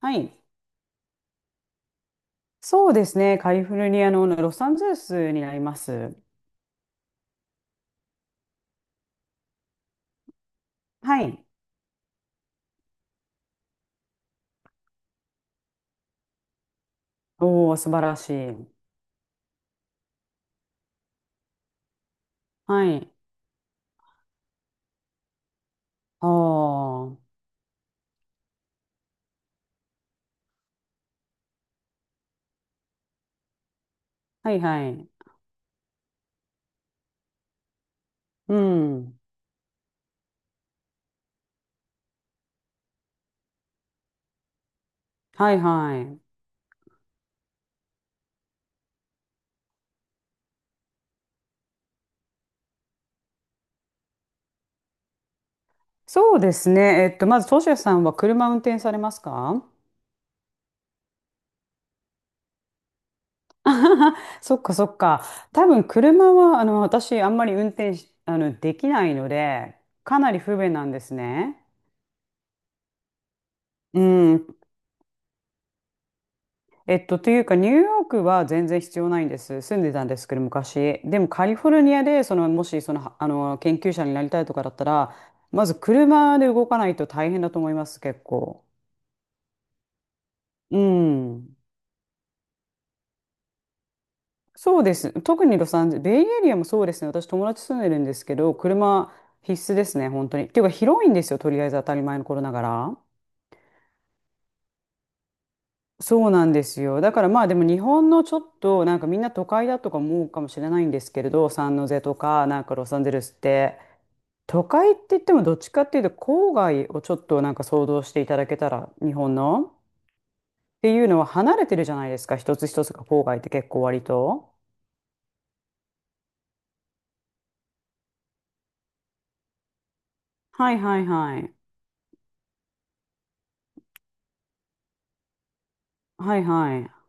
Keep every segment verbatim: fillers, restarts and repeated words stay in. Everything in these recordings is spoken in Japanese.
はい。そうですね。カリフォルニアのロサンゼルスになります。はい。おお、素晴らしい。はい。ああ、はいはい。うん。はいはい。そうですね。えっと、まず、トシヤさんは車運転されますか？あはは そっかそっか。多分、車は、あの、私、あんまり運転し、あの、できないので、かなり不便なんですね。うん、えっと、というか、ニューヨークは全然必要ないんです。住んでたんですけど、昔。でも、カリフォルニアで、その、もし、その、はあの、研究者になりたいとかだったら、まず車で動かないと大変だと思います、結構。うん。そうです。特にロサンゼル、ベイエリアもそうですね。私、友達住んでるんですけど、車必須ですね、本当に。っていうか、広いんですよ、とりあえず当たり前の頃ながら。そうなんですよ。だからまあでも日本のちょっとなんかみんな都会だとか思うかもしれないんですけれど、サンノゼとかなんかロサンゼルスって都会って言ってもどっちかっていうと郊外をちょっとなんか想像していただけたら日本のっていうのは離れてるじゃないですか、一つ一つが。郊外って結構割と。はいはいはい。はいはい。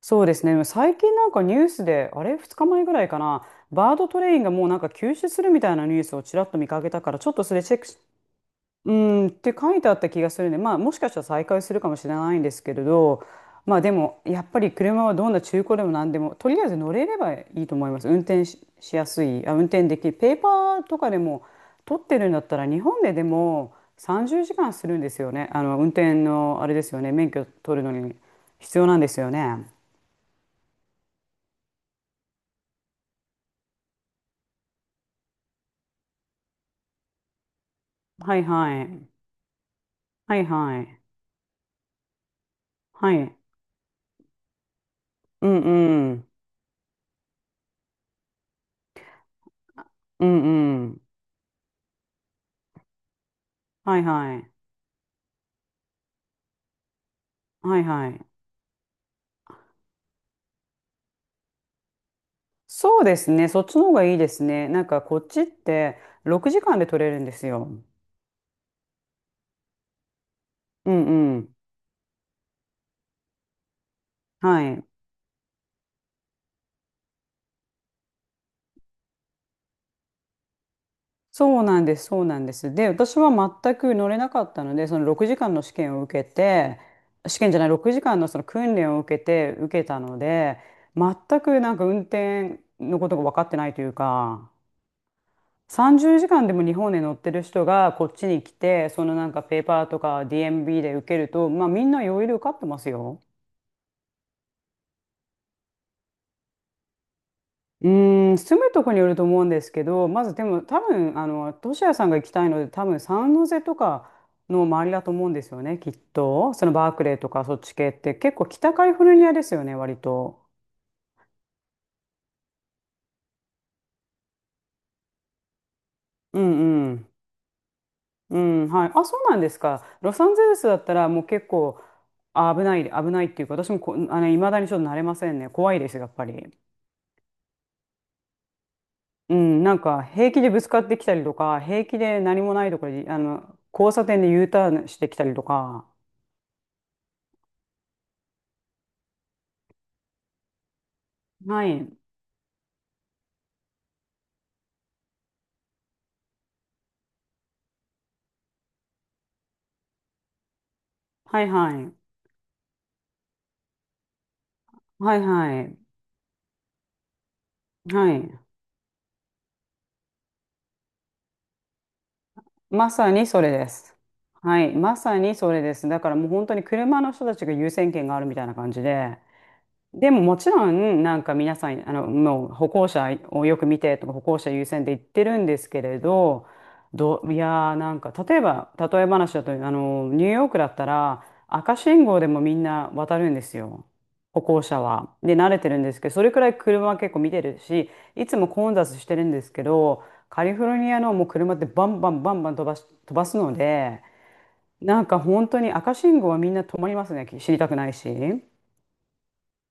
そうですね。最近なんかニュースであれ、ふつかまえぐらいかな、バードトレインがもうなんか休止するみたいなニュースをちらっと見かけたから、ちょっとそれチェック。うん、って書いてあった気がするね。まあもしかしたら再開するかもしれないんですけれど、まあでもやっぱり車はどんな中古でも何でもとりあえず乗れればいいと思います。運転し、しやすい、あ、運転できる。ペーパーとかでも取ってるんだったら、日本ででもさんじゅうじかんするんですよね。あの運転のあれですよね。免許取るのに必要なんですよね。はいはい。はいはい。はい。うんうん。うんうん。はいはい。はいはい。そうですね。そっちの方がいいですね。なんかこっちってろくじかんで取れるんですよ。うんうん。はい。そうなんです。そうなんです。で、私は全く乗れなかったので、そのろくじかんの試験を受けて、試験じゃない、ろくじかんのその訓練を受けて、受けたので、全くなんか運転のことが分かってないというか、さんじゅうじかんでも日本で乗ってる人がこっちに来て、そのなんかペーパーとか ディーエムビー で受けると、まあみんな余裕で受かってますよ。うーん、住むとこによると思うんですけど、まずでも多分、あの、トシヤさんが行きたいので、多分サンノゼとかの周りだと思うんですよね、きっと。そのバークレーとかそっち系って結構北カリフォルニアですよね、割と。うんうん。うん、はい。あ、そうなんですか。ロサンゼルスだったらもう結構あ危ない、危ないっていうか、私もこ、あの、未だにちょっと慣れませんね。怖いです、やっぱり。うん、なんか平気でぶつかってきたりとか、平気で何もないところで、あの、交差点で U ターンしてきたりとか。はい。はいはい。はいはい。はい。まさにそれです。はい。まさにそれです。だからもう本当に車の人たちが優先権があるみたいな感じで。でももちろん、なんか皆さん、あの、もう歩行者をよく見てとか、歩行者優先で言ってるんですけれど、どう、いやー、なんか、例えば、例え話だと、あの、ニューヨークだったら、赤信号でもみんな渡るんですよ。歩行者は。で、慣れてるんですけど、それくらい車は結構見てるし、いつも混雑してるんですけど、カリフォルニアのもう車ってバンバンバンバン飛ばし、飛ばすので、なんか本当に赤信号はみんな止まりますね、知りたくないし。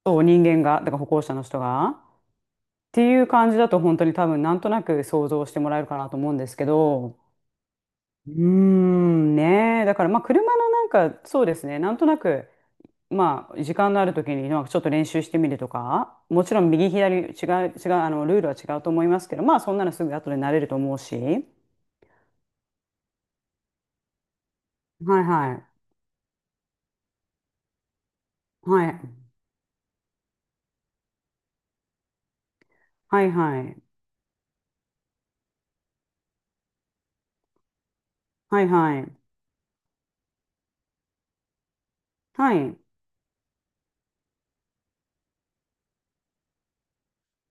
そう、人間が、だから歩行者の人が。っていう感じだと本当に多分なんとなく想像してもらえるかなと思うんですけど、うーん、ねえ、だからまあ車のなんかそうですね、なんとなく、まあ時間のある時になんかちょっと練習してみるとか、もちろん右左違う、違う、あのルールは違うと思いますけど、まあそんなのすぐ後で慣れると思うし、はいはい、はい、はいはい、はいはい、はい。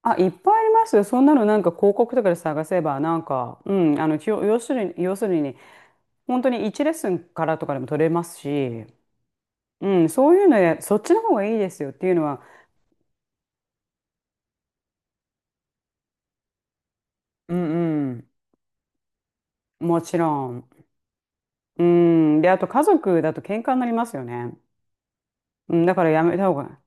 あ、いっぱいありますよ。そんなのなんか広告とかで探せば、なんか、うん、あの、きょ要するに、要するに本当にワンレッスンからとかでも取れますし、うん、そういうので、そっちの方がいいですよっていうのは、うんうん、もちろん。うん、で、あと家族だと喧嘩になりますよね。うん、だからやめた方が。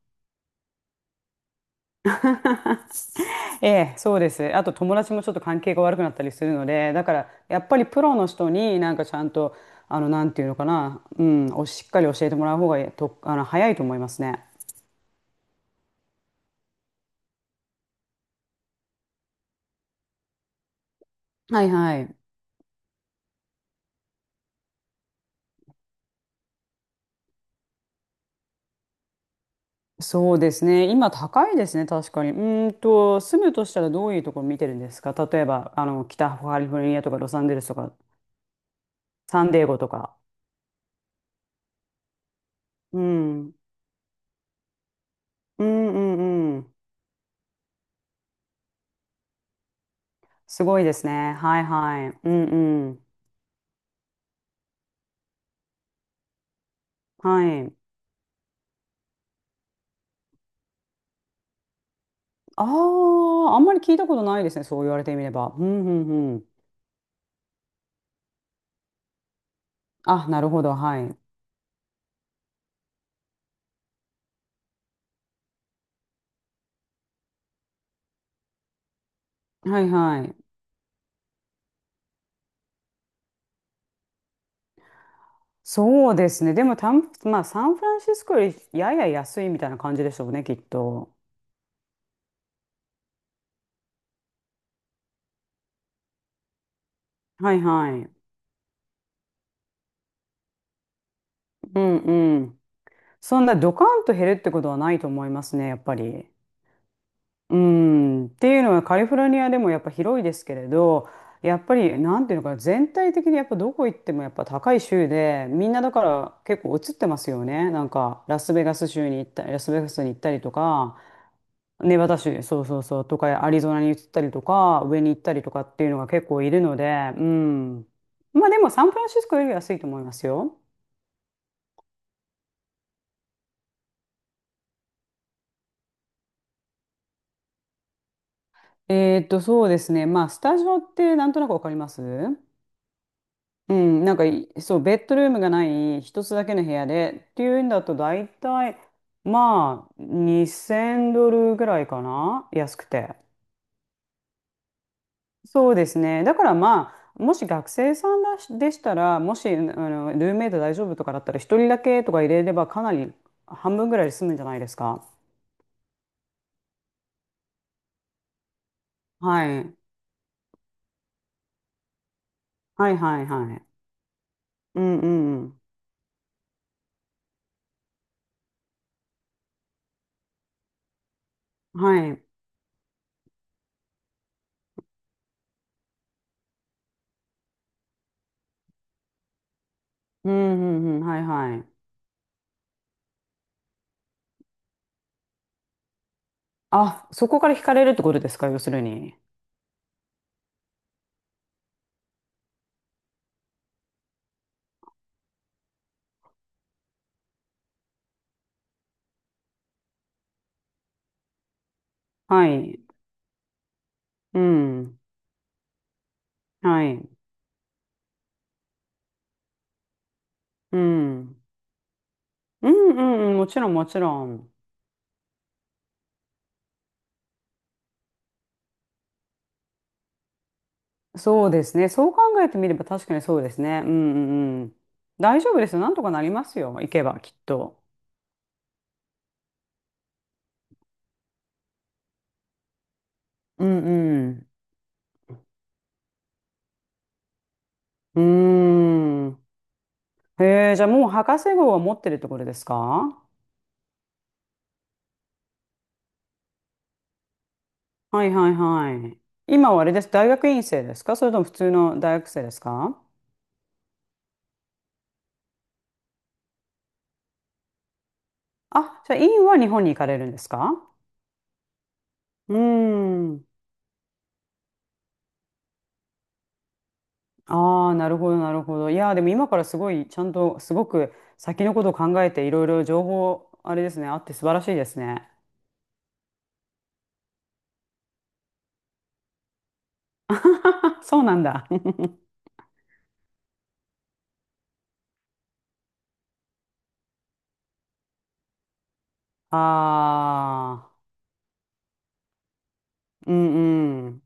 ええ、そうです。あと友達もちょっと関係が悪くなったりするので、だからやっぱりプロの人になんかちゃんと、あの、なんていうのかな、うん、おしっかり教えてもらう方がと、あの、早いと思いますね。はいはい。そうですね。今高いですね、確かに。うーんと、住むとしたらどういうところ見てるんですか？例えば、あの、北カリフォルニアとかロサンゼルスとか、サンディエゴとか。うん。うんうんうん。すごいですね。はいはい。うんうん。はい。ああ、あんまり聞いたことないですね、そう言われてみれば。うんうんうん。あ、なるほど。はい。はいはい。そうですね。でも、たん、まあ、サンフランシスコよりやや安いみたいな感じでしょうね、きっと。はいはい。うんうん。そんなドカンと減るってことはないと思いますね、やっぱり。うん。っていうのはカリフォルニアでもやっぱ広いですけれど、やっぱりなんていうのかな、全体的にやっぱどこ行ってもやっぱ高い州で、みんなだから結構移ってますよね。なんかラスベガス州に行った、ラスベガスに行ったりとか、ネバダ州、そうそうそう、とかアリゾナに移ったりとか、上に行ったりとかっていうのが結構いるので、うん。まあでもサンフランシスコより安いと思いますよ。えーっと、そうですね。まあ、スタジオってなんとなくわかりますうん、なんかい、そう、ベッドルームがない一つだけの部屋でっていうんだと大体、まあ、にせんドルぐらいかな、安くて。そうですね。だからまあ、もし学生さんだしでしたら、もし、あの、ルームメイト大丈夫とかだったら、一人だけとか入れればかなり半分ぐらいで済むんじゃないですか。はい。はいはいはい。うんうんうん。はい。うんうんうん。はいはい。あ、そこから惹かれるってことですか、要するに？はい。うん。はい。うん。うんうんうん。もちろんもちろん。そうですね。そう考えてみれば確かにそうですね。うんうんうん。大丈夫ですよ。なんとかなりますよ。行けばきっと。うんうん。うーん。へえ、じゃあもう博士号は持ってるところですか？はいはいはい。今はあれです。大学院生ですか、それとも普通の大学生ですか？あ、じゃあ院は日本に行かれるんですか？うーん。ああ、なるほど、なるほど。いやー、でも今からすごい、ちゃんと、すごく先のことを考えて、いろいろ情報、あれですね、あって素晴らしいですね。そうなんだ。ああ、うんうん。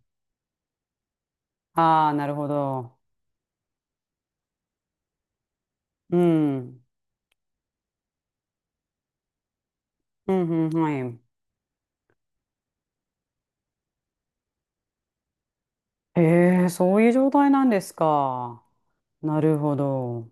ああ、なるほど。うん。うんうん、はい。へえ、そういう状態なんですか。なるほど。